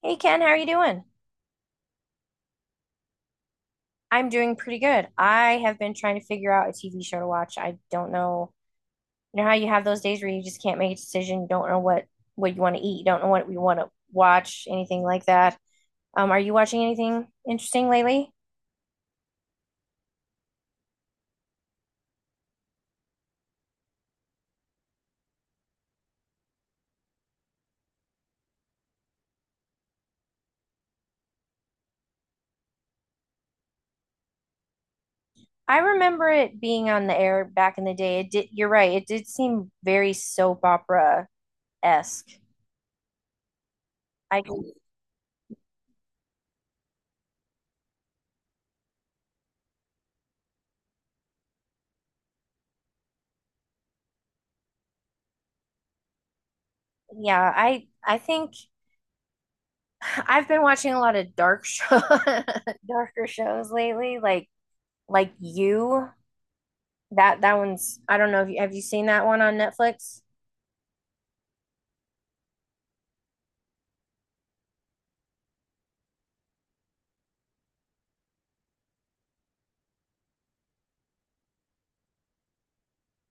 Hey Ken, how are you doing? I'm doing pretty good. I have been trying to figure out a TV show to watch. I don't know. You know how you have those days where you just can't make a decision, you don't know what you want to eat, you don't know what you want to watch, anything like that. Are you watching anything interesting lately? I remember it being on the air back in the day. It did, you're right, it did seem very soap opera-esque. I yeah, I think I've been watching a lot of dark show darker shows lately, like you. That one's I don't know if you seen that one on Netflix?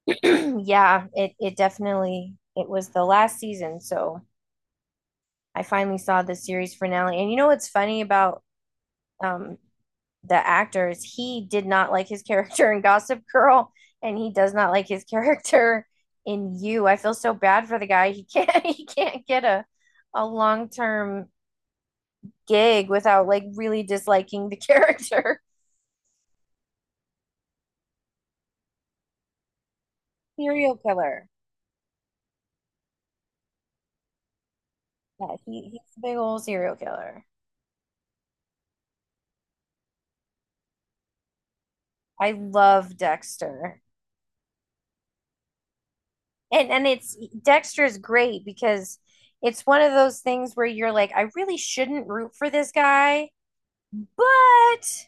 Yeah, it definitely it was the last season, so I finally saw the series finale. And you know what's funny about um the actors, he did not like his character in Gossip Girl and he does not like his character in You. I feel so bad for the guy. He can't he can't get a long-term gig without like really disliking the character. Serial killer. Yeah, he's a big old serial killer. I love Dexter. And it's Dexter is great because it's one of those things where you're like, I really shouldn't root for this guy, but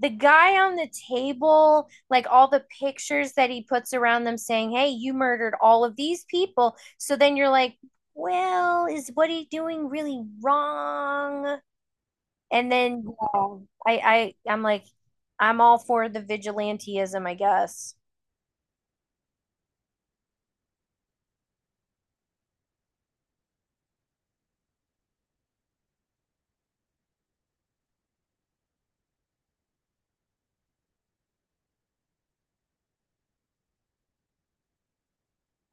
the guy on the table, like all the pictures that he puts around them saying, hey, you murdered all of these people. So then you're like, well, is what he doing really wrong? And then you know, I'm like, I'm all for the vigilantism, I guess.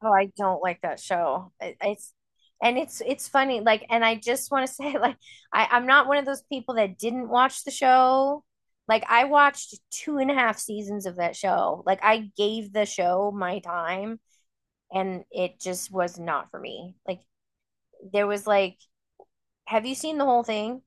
Oh, I don't like that show. It's and it's funny. Like, and I just want to say, like, I'm not one of those people that didn't watch the show. Like, I watched two and a half seasons of that show. Like, I gave the show my time, and it just was not for me. Like, there was like, have you seen the whole thing?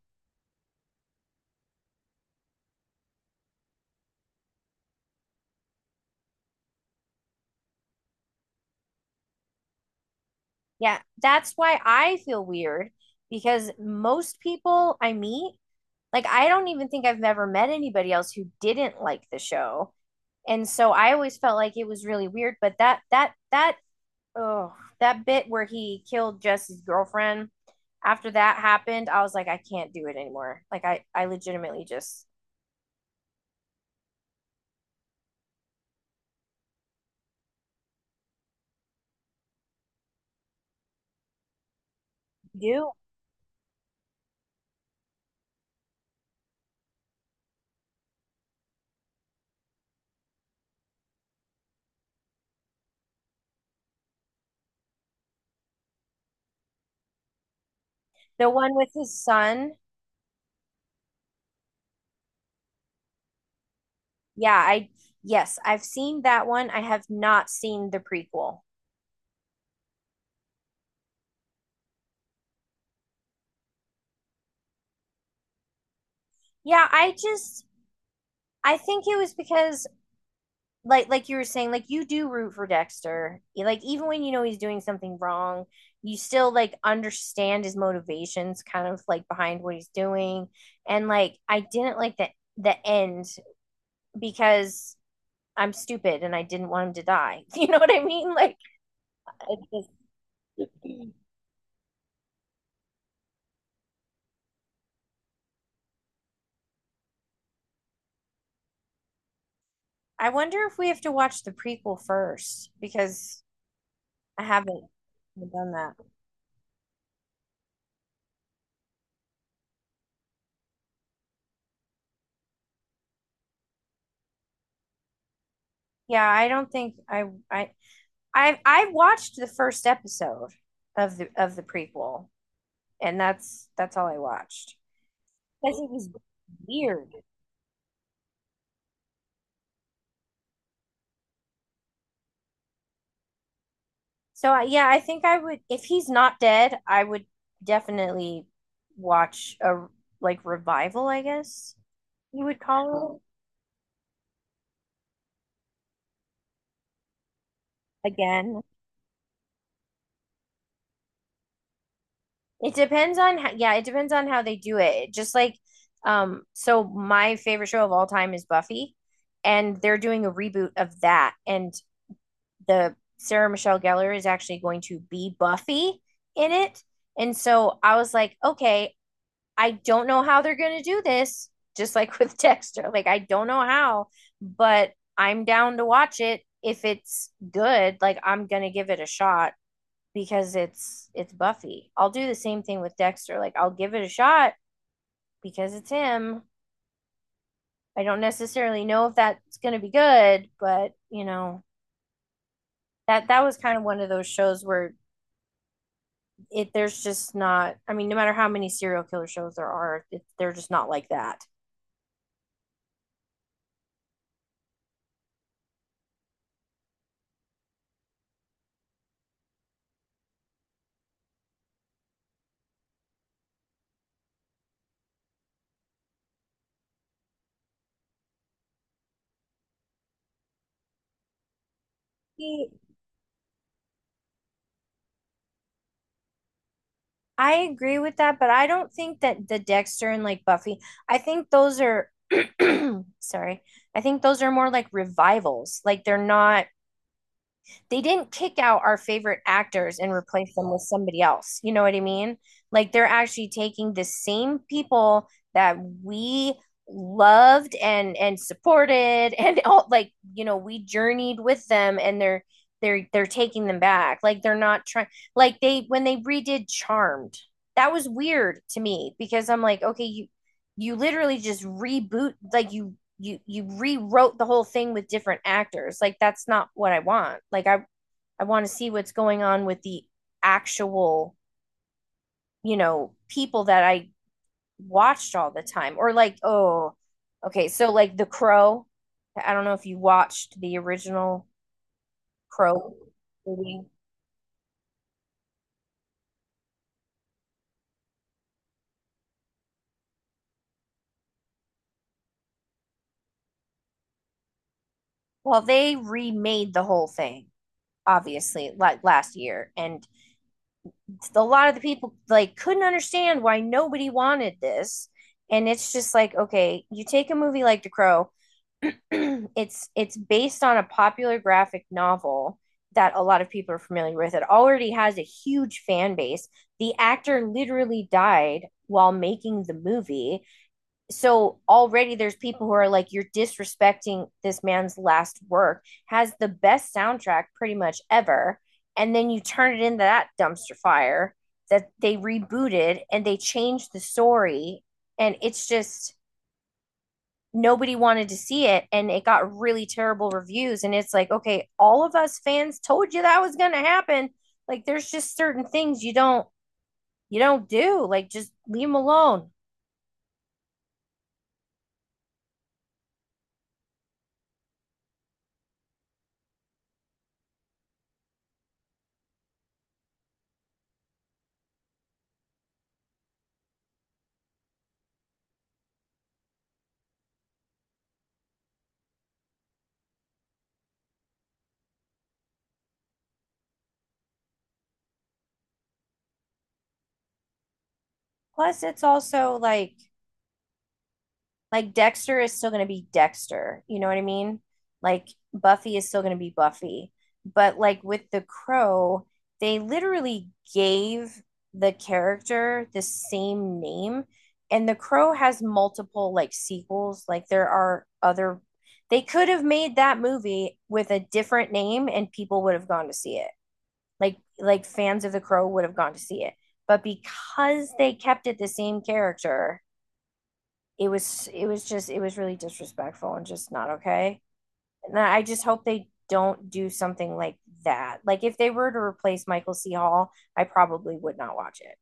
Yeah, that's why I feel weird because most people I meet, like, I don't even think I've ever met anybody else who didn't like the show, and so I always felt like it was really weird. But that oh that bit where he killed Jesse's girlfriend, after that happened, I was like, I can't do it anymore. Like I legitimately just do the one with his son. Yeah, I yes, I've seen that one. I have not seen the prequel. Yeah, I just I think it was because like you were saying, like, you do root for Dexter E, like even when you know he's doing something wrong, you still like understand his motivations kind of like behind what he's doing. And like I didn't like the end because I'm stupid and I didn't want him to die. You know what I mean? Like it just, I wonder if we have to watch the prequel first, because I haven't done that. Yeah, I don't think I I watched the first episode of the prequel, and that's all I watched because it was weird. So I, yeah, I think I would, if he's not dead, I would definitely watch a like revival, I guess you would call it again. It depends on how, yeah, it depends on how they do it. Just like So my favorite show of all time is Buffy, and they're doing a reboot of that, and the Sarah Michelle Gellar is actually going to be Buffy in it. And so I was like, okay, I don't know how they're going to do this, just like with Dexter. Like, I don't know how, but I'm down to watch it. If it's good, like, I'm going to give it a shot because it's Buffy. I'll do the same thing with Dexter. Like I'll give it a shot because it's him. I don't necessarily know if that's going to be good, but you know, that was kind of one of those shows where it there's just not I mean, no matter how many serial killer shows there are, it, they're just not like that. I agree with that, but I don't think that the Dexter and like Buffy, I think those are sorry. I think those are more like revivals. Like they're not they didn't kick out our favorite actors and replace them with somebody else. You know what I mean? Like they're actually taking the same people that we loved and supported and all, like, you know, we journeyed with them, and they're they're taking them back. Like they're not trying, like they when they redid Charmed, that was weird to me, because I'm like, okay, you literally just reboot, like you rewrote the whole thing with different actors. Like that's not what I want. Like I want to see what's going on with the actual, you know, people that I watched all the time. Or like, oh okay, so like The Crow, I don't know if you watched the original Crow movie. Well, they remade the whole thing obviously like last year, and a lot of the people like couldn't understand why nobody wanted this. And it's just like, okay, you take a movie like The Crow, it's based on a popular graphic novel that a lot of people are familiar with, it already has a huge fan base, the actor literally died while making the movie, so already there's people who are like, you're disrespecting this man's last work, has the best soundtrack pretty much ever, and then you turn it into that dumpster fire that they rebooted and they changed the story, and it's just nobody wanted to see it, and it got really terrible reviews, and it's like, okay, all of us fans told you that was going to happen. Like there's just certain things you don't do. Like just leave them alone. Plus it's also like Dexter is still going to be Dexter. You know what I mean? Like Buffy is still going to be Buffy. But like with The Crow, they literally gave the character the same name. And The Crow has multiple like sequels. Like there are other, they could have made that movie with a different name, and people would have gone to see it. Like fans of The Crow would have gone to see it. But because they kept it the same character, it was just it was really disrespectful and just not okay. And I just hope they don't do something like that. Like if they were to replace Michael C. Hall, I probably would not watch it.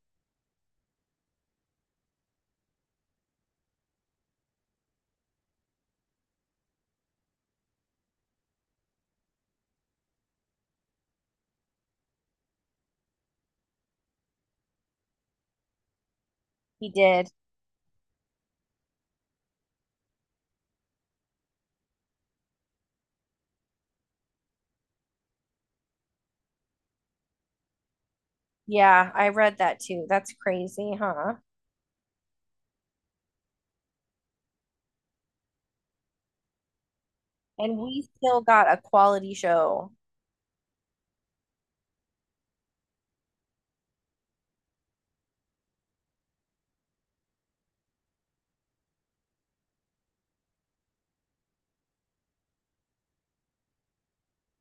He did. Yeah, I read that too. That's crazy, huh? And we still got a quality show.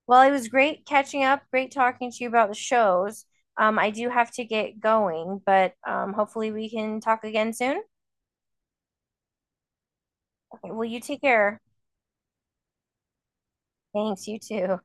Well, it was great catching up, great talking to you about the shows. I do have to get going, but hopefully we can talk again soon. Okay, well, you take care. Thanks, you too.